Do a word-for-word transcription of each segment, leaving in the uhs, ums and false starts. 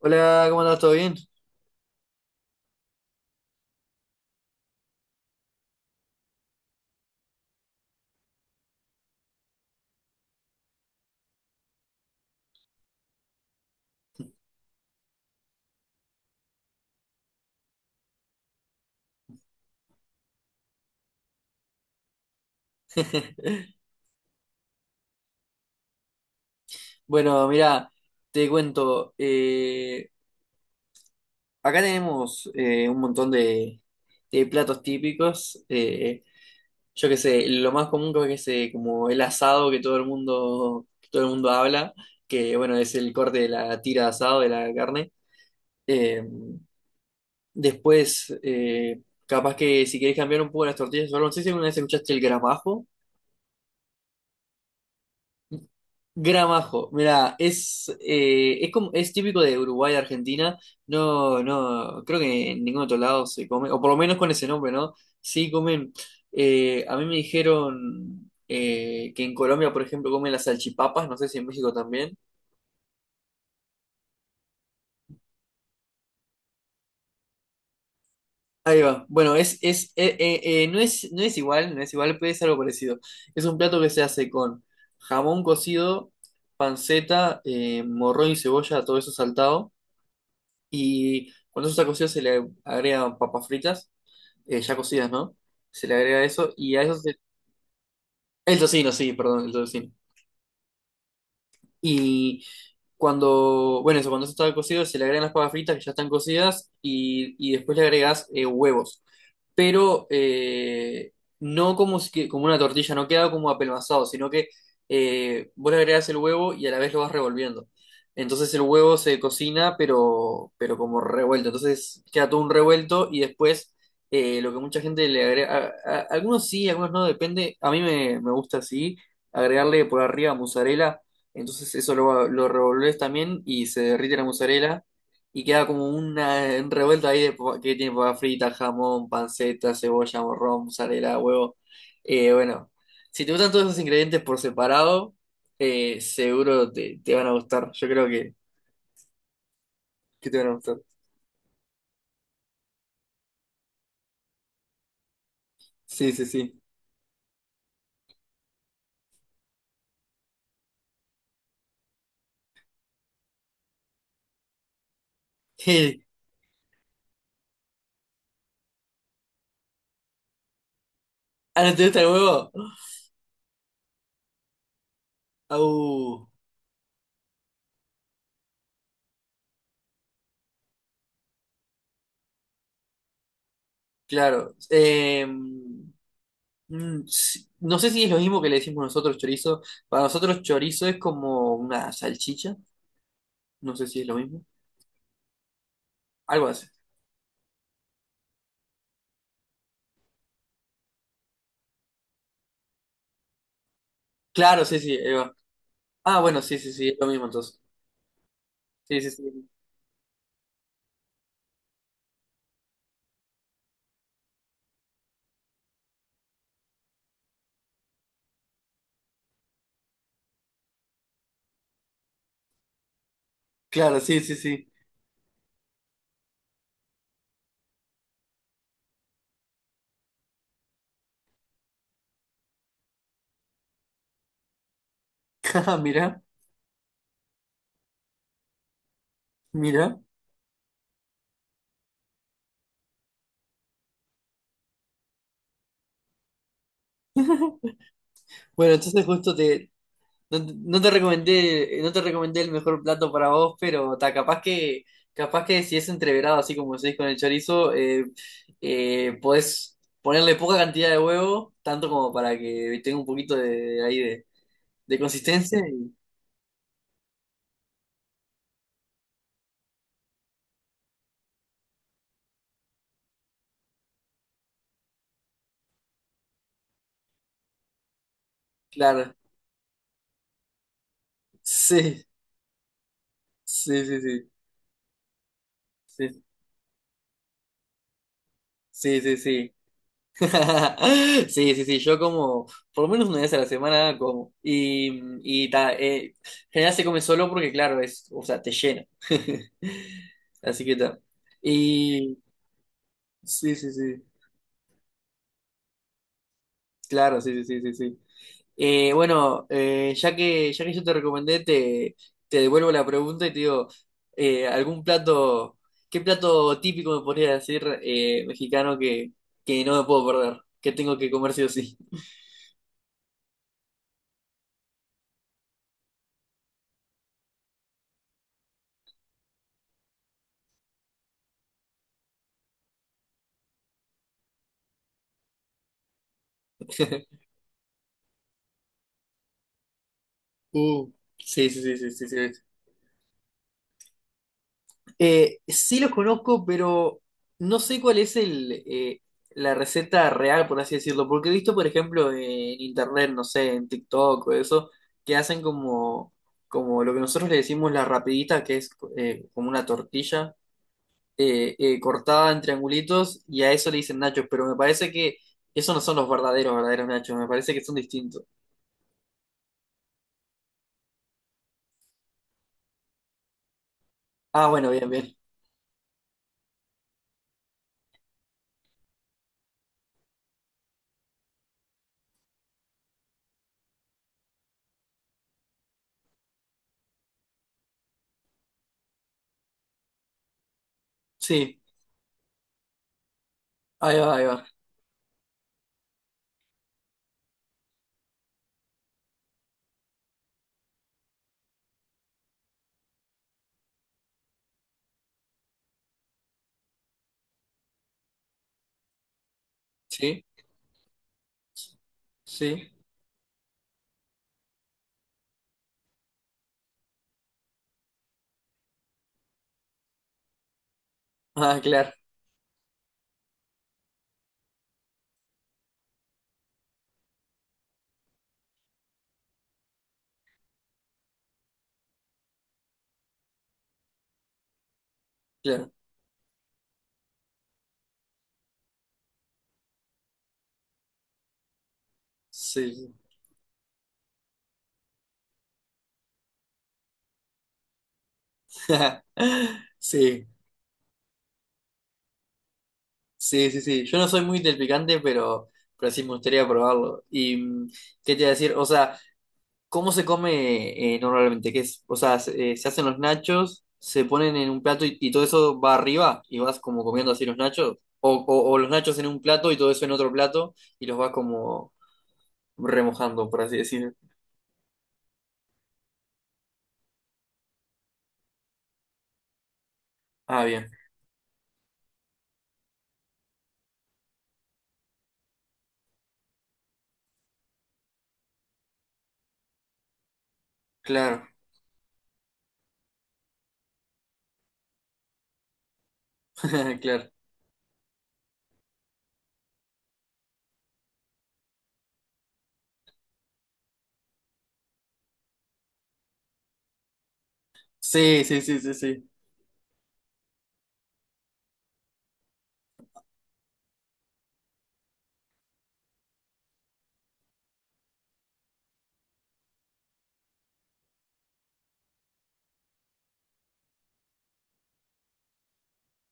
Hola, ¿cómo andas? ¿Todo bien? Bueno, mira, te cuento, eh, acá tenemos eh, un montón de, de platos típicos, eh, yo qué sé, lo más común creo que es eh, como el asado que todo el mundo, que todo el mundo habla, que bueno, es el corte de la tira de asado de la carne. Eh, después, eh, capaz que si querés cambiar un poco las tortillas, o algo, no sé si alguna vez escuchaste el gramajo. Gramajo, mira, es, eh, es como, es típico de Uruguay, Argentina. No, no, creo que en ningún otro lado se come, o por lo menos con ese nombre, ¿no? Sí comen. Eh, a mí me dijeron eh, que en Colombia, por ejemplo, comen las salchipapas, no sé si en México también. Ahí va. Bueno, es, es, eh, eh, eh, no es, no es igual, no es igual, pero es algo parecido. Es un plato que se hace con jamón cocido, panceta, eh, morrón y cebolla, todo eso saltado. Y cuando eso está cocido se le agregan papas fritas, eh, ya cocidas, ¿no? Se le agrega eso y a eso se... El tocino, sí, perdón, el tocino. Y cuando, bueno, eso, cuando eso está cocido se le agregan las papas fritas que ya están cocidas y, y después le agregas eh, huevos. pero eh, no como, si que- como una tortilla, no queda como apelmazado, sino que eh, vos le agregás el huevo y a la vez lo vas revolviendo. Entonces el huevo se cocina, pero, pero como revuelto. Entonces queda todo un revuelto y después eh, lo que mucha gente le agrega, a- a- algunos sí, algunos no, depende. A mí me, me gusta así, agregarle por arriba mozzarella. Entonces eso lo, lo revolvés también y se derrite la mozzarella y queda como una un revuelto ahí de papa- que tiene papa frita, jamón, panceta, cebolla, morrón, mozzarella, huevo. Eh, bueno, si te gustan todos esos ingredientes por separado, eh, seguro te, te van a gustar. Yo creo que, que te van a gustar. Sí, sí, sí. ¿Ah, no te gusta el huevo? Au, claro. Em, mm, sí. No sé si es lo mismo que le decimos nosotros chorizo. Para nosotros chorizo es como una salchicha. No sé si es lo mismo. Algo así. Claro, sí, sí. Ah, bueno, sí, sí, sí, es lo mismo entonces. Sí, sí, sí. Claro, sí, sí, sí. Ah, mira, mira. Bueno, entonces justo te, no, te no te recomendé, no te recomendé el mejor plato para vos, pero ta, capaz que, capaz que si es entreverado, así como decís con el chorizo, eh, eh, podés ponerle poca cantidad de huevo, tanto como para que tenga un poquito de, de ahí de, de consistencia y claro. Sí, sí, sí, sí. Sí, sí, sí, sí. Sí, sí, sí, yo como por lo menos una vez a la semana como y, y ta, eh, general se come solo porque claro, es, o sea, te llena. Así que tal. Y sí, sí, sí, claro, sí, sí, sí, sí, sí. Eh, bueno, eh, ya que, ya que yo te recomendé, te, te devuelvo la pregunta y te digo, eh, ¿algún plato, qué plato típico me podría decir eh, mexicano que, que no me puedo perder, que tengo que comer sí o sí? Uh, sí, sí, sí, sí, sí, sí. Eh, sí los conozco, pero no sé cuál es el, eh, la receta real, por así decirlo, porque he visto, por ejemplo, en internet, no sé, en TikTok o eso, que hacen como, como lo que nosotros le decimos la rapidita, que es eh, como una tortilla eh, eh, cortada en triangulitos, y a eso le dicen nachos, pero me parece que esos no son los verdaderos, verdaderos nachos, me parece que son distintos. Ah, bueno, bien, bien. Sí, ahí va, ahí va. Sí, sí. Ah, claro. Claro, sí. Sí, sí, sí, sí. Yo no soy muy del picante, pero, pero sí me gustaría probarlo. ¿Y mm, qué te iba a decir? O sea, ¿cómo se come eh, normalmente? ¿Qué es? O sea, se, eh, se hacen los nachos, se ponen en un plato y, y todo eso va arriba y vas como comiendo así los nachos. O, o, o los nachos en un plato y todo eso en otro plato y los vas como remojando, por así decirlo. Ah, bien. Claro, claro. Sí, sí, sí, sí, sí.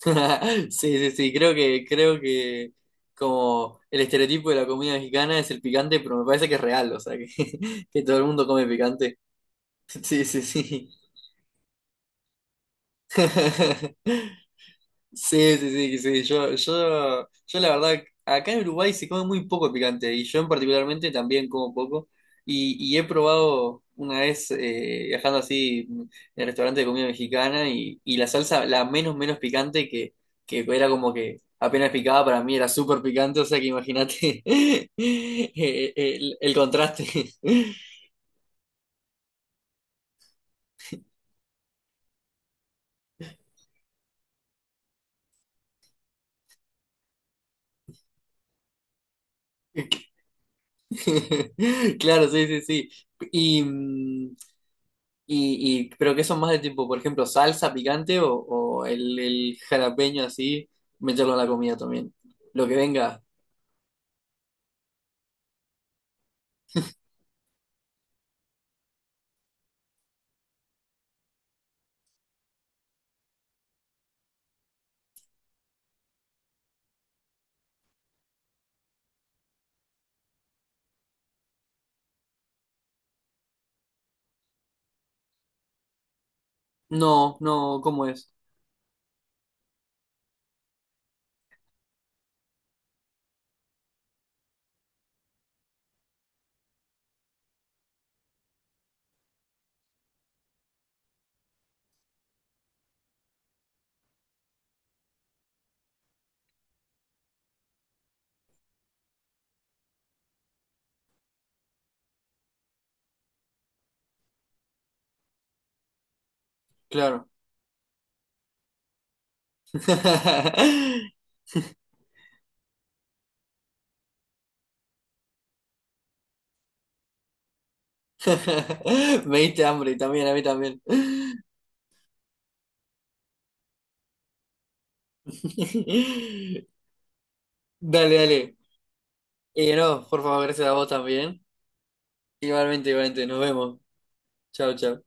Sí, sí, sí, creo que, creo que como el estereotipo de la comida mexicana es el picante, pero me parece que es real, o sea, que, que todo el mundo come picante. Sí, sí, sí. Sí, sí, sí, sí. Yo, yo, yo la verdad, acá en Uruguay se come muy poco picante y yo en particularmente también como poco. Y, y he probado una vez eh, viajando así en el restaurante de comida mexicana y, y la salsa, la menos, menos picante que, que era como que apenas picaba para mí era súper picante, o sea que imagínate eh, el, el contraste. Claro, sí, sí, sí. Y, mm, y, y- pero que son más de tipo, por ejemplo, salsa picante o, o el, el jalapeño así, meterlo a la comida también. Lo que venga. No, no, ¿cómo es? Claro. Me diste hambre también, a mí también. Dale, dale. Y no, por favor, gracias a vos también. Igualmente, igualmente, nos vemos. Chao, chao.